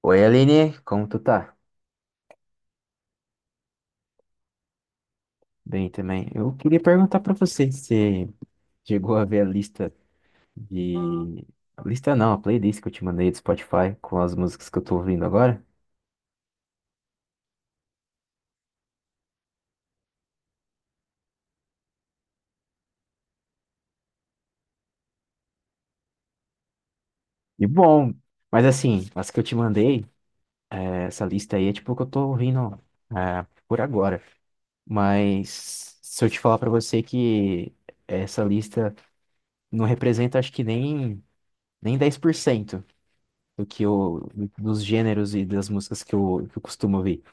Oi, Aline, como tu tá? Bem também. Eu queria perguntar pra você se você chegou a ver a lista de... A lista não, a playlist que eu te mandei do Spotify com as músicas que eu tô ouvindo agora. E bom, mas assim, as que eu te mandei, essa lista aí é tipo o que eu tô ouvindo por agora. Mas se eu te falar pra você que essa lista não representa acho que nem 10% do que eu, dos gêneros e das músicas que eu costumo ouvir.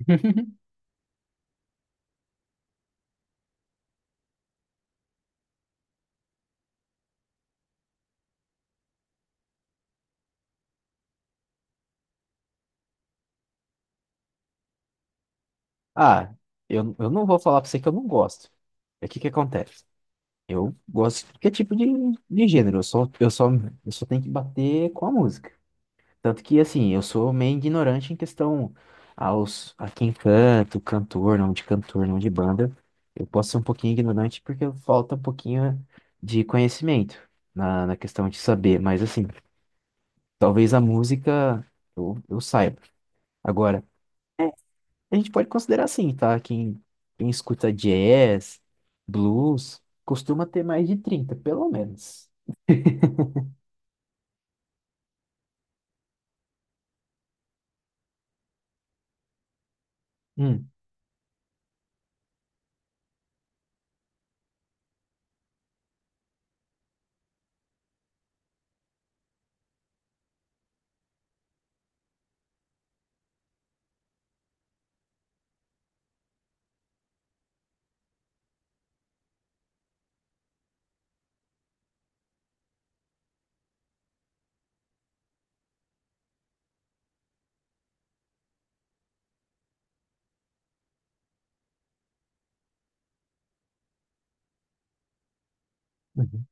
Ah, eu não vou falar pra você que eu não gosto. É o que que acontece? Eu gosto de qualquer tipo de gênero. Eu só tenho que bater com a música. Tanto que, assim, eu sou meio ignorante em questão aos, a quem canto, cantor, não de banda. Eu posso ser um pouquinho ignorante porque falta um pouquinho de conhecimento na questão de saber. Mas, assim, talvez a música eu saiba. Agora, a gente pode considerar assim, tá? Quem escuta jazz, blues, costuma ter mais de 30 pelo menos. Hum, uhum.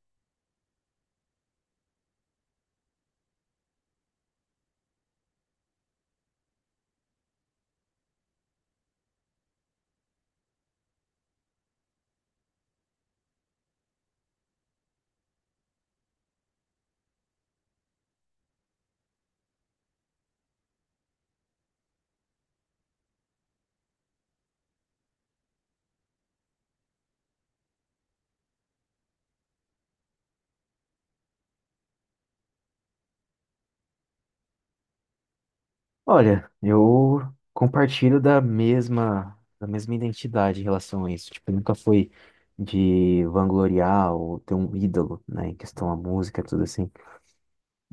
Olha, eu compartilho da mesma identidade em relação a isso. Tipo, nunca foi de vangloriar ou ter um ídolo, né, em questão à música, tudo assim.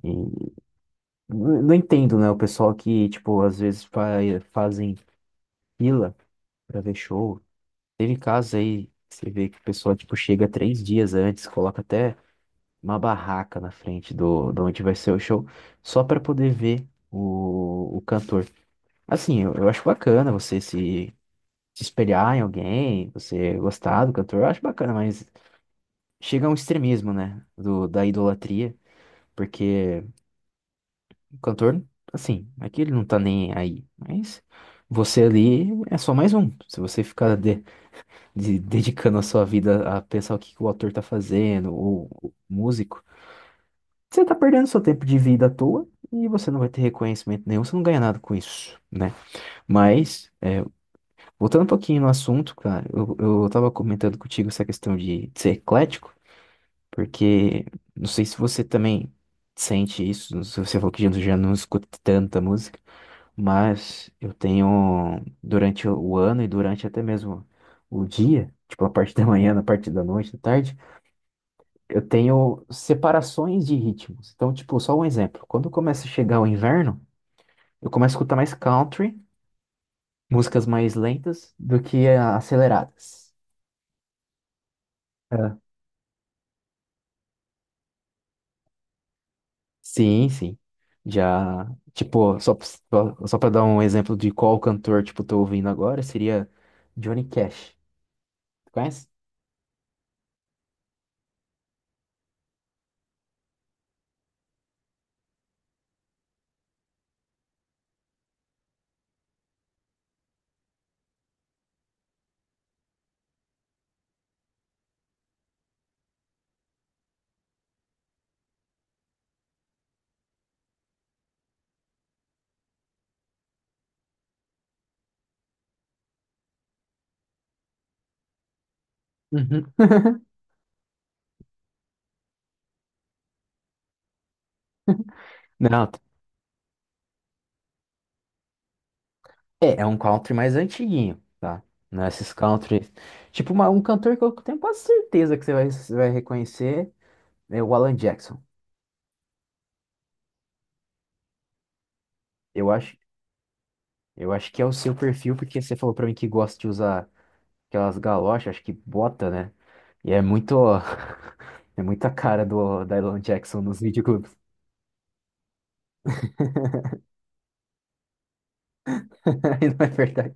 E não entendo, né, o pessoal que, tipo, às vezes fa fazem fila pra ver show. Teve casos aí, que você vê que o pessoal, tipo, chega 3 dias antes, coloca até uma barraca na frente do, de onde vai ser o show, só para poder ver o cantor. Assim, eu acho bacana você se, se espelhar em alguém, você gostar do cantor, eu acho bacana, mas chega a um extremismo, né, do, da idolatria, porque o cantor, assim, aqui ele não tá nem aí, mas você ali é só mais um. Se você ficar dedicando a sua vida a pensar o que que o autor tá fazendo, ou o músico, você tá perdendo seu tempo de vida à toa e você não vai ter reconhecimento nenhum, você não ganha nada com isso, né? Mas, é, voltando um pouquinho no assunto, cara, eu tava comentando contigo essa questão de ser eclético, porque não sei se você também sente isso, não sei se você falou que já não escuta tanta música, mas eu tenho, durante o ano e durante até mesmo o dia, tipo a parte da manhã, na parte da noite, da tarde, eu tenho separações de ritmos. Então, tipo, só um exemplo. Quando começa a chegar o inverno, eu começo a escutar mais country, músicas mais lentas do que ah, aceleradas. É. Sim, sim. Já, tipo, só para dar um exemplo de qual cantor, tipo, tô ouvindo agora, seria Johnny Cash. Conhece? Uhum. Não, é, é um country mais antiguinho, tá? Não é esses country. Tipo, um cantor que eu tenho quase certeza que você vai reconhecer é o Alan Jackson. Eu acho, eu acho que é o seu perfil, porque você falou pra mim que gosta de usar aquelas galochas, acho que bota, né? E é muito, é muita cara do Dylan Jackson nos videoclubes. E não é verdade.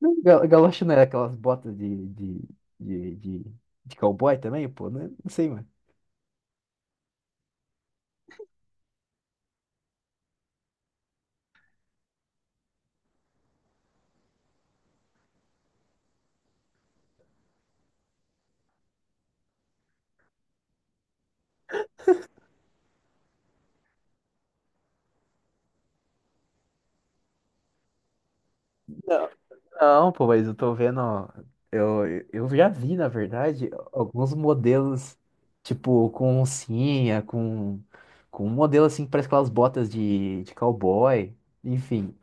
Não, galocha não era aquelas botas de, de, de cowboy também, pô? Não, é, não sei, mano. Não, pô, mas eu tô vendo. Ó, Eu, eu já vi, na verdade, alguns modelos, tipo, com oncinha, com um modelo assim que parece aquelas botas de cowboy, enfim,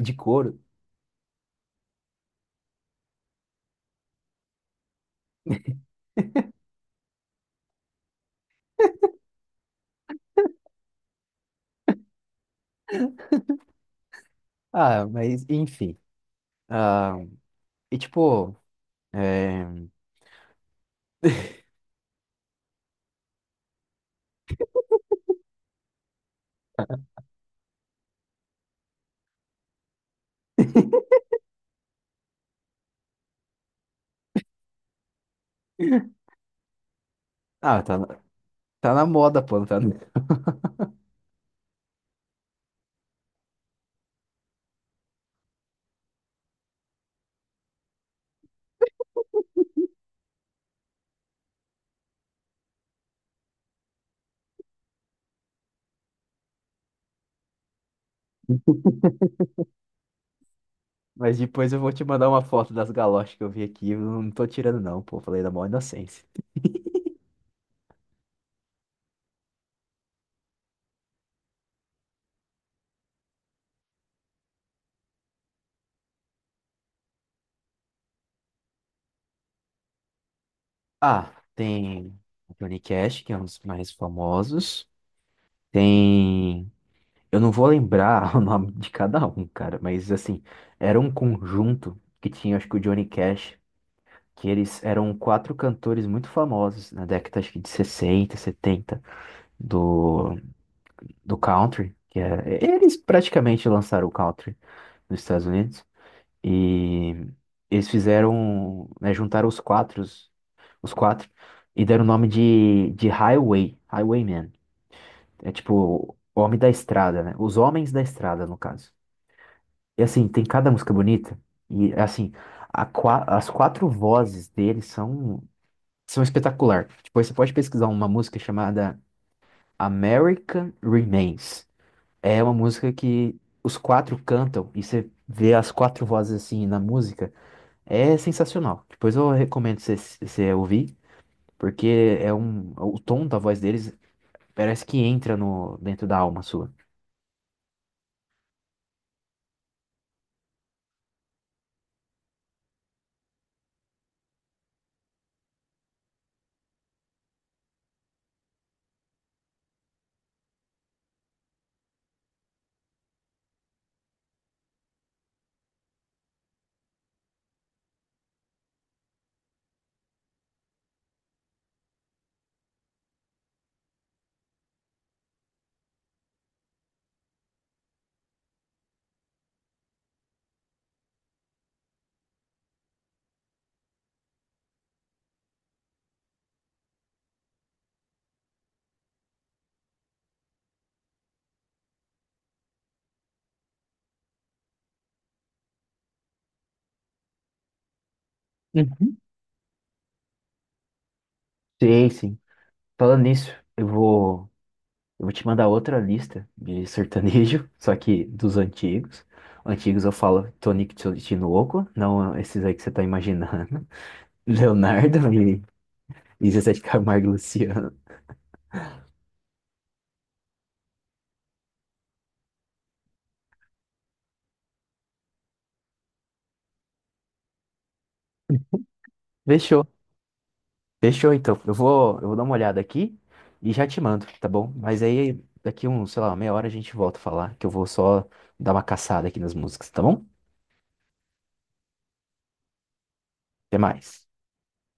de couro. Ah, mas enfim. Ah, e tipo, é, ah, tá, tá na moda, pô, não tá... mas depois eu vou te mandar uma foto das galochas que eu vi aqui. Eu não tô tirando, não, pô. Falei da maior inocência. Ah, tem o Johnny Cash, que é um dos mais famosos. Tem. Eu não vou lembrar o nome de cada um, cara, mas assim, era um conjunto que tinha, acho que o Johnny Cash, que eles eram quatro cantores muito famosos na década, acho que de 60, 70 do, do country, que é... eles praticamente lançaram o country nos Estados Unidos. E eles fizeram, né, juntaram os quatro, e deram o nome de Highway, Highwayman. É tipo, Homem da Estrada, né? Os Homens da Estrada, no caso. E assim, tem cada música bonita, e é assim, as quatro vozes deles são espetacular. Depois você pode pesquisar uma música chamada American Remains. É uma música que os quatro cantam, e você vê as quatro vozes assim na música, é sensacional. Depois eu recomendo você ouvir. Porque é um, o tom da voz deles parece que entra no, dentro da alma sua. Uhum. Sei, sim. Falando nisso, eu vou, eu vou te mandar outra lista de sertanejo, só que dos antigos. Antigos eu falo Tony Tinoco, não esses aí que você tá imaginando. Leonardo e Zezé de Camargo e Luciano. Fechou. Fechou, então. Eu vou dar uma olhada aqui e já te mando, tá bom? Mas aí daqui um, sei lá, meia hora a gente volta a falar, que eu vou só dar uma caçada aqui nas músicas, tá bom? Até mais.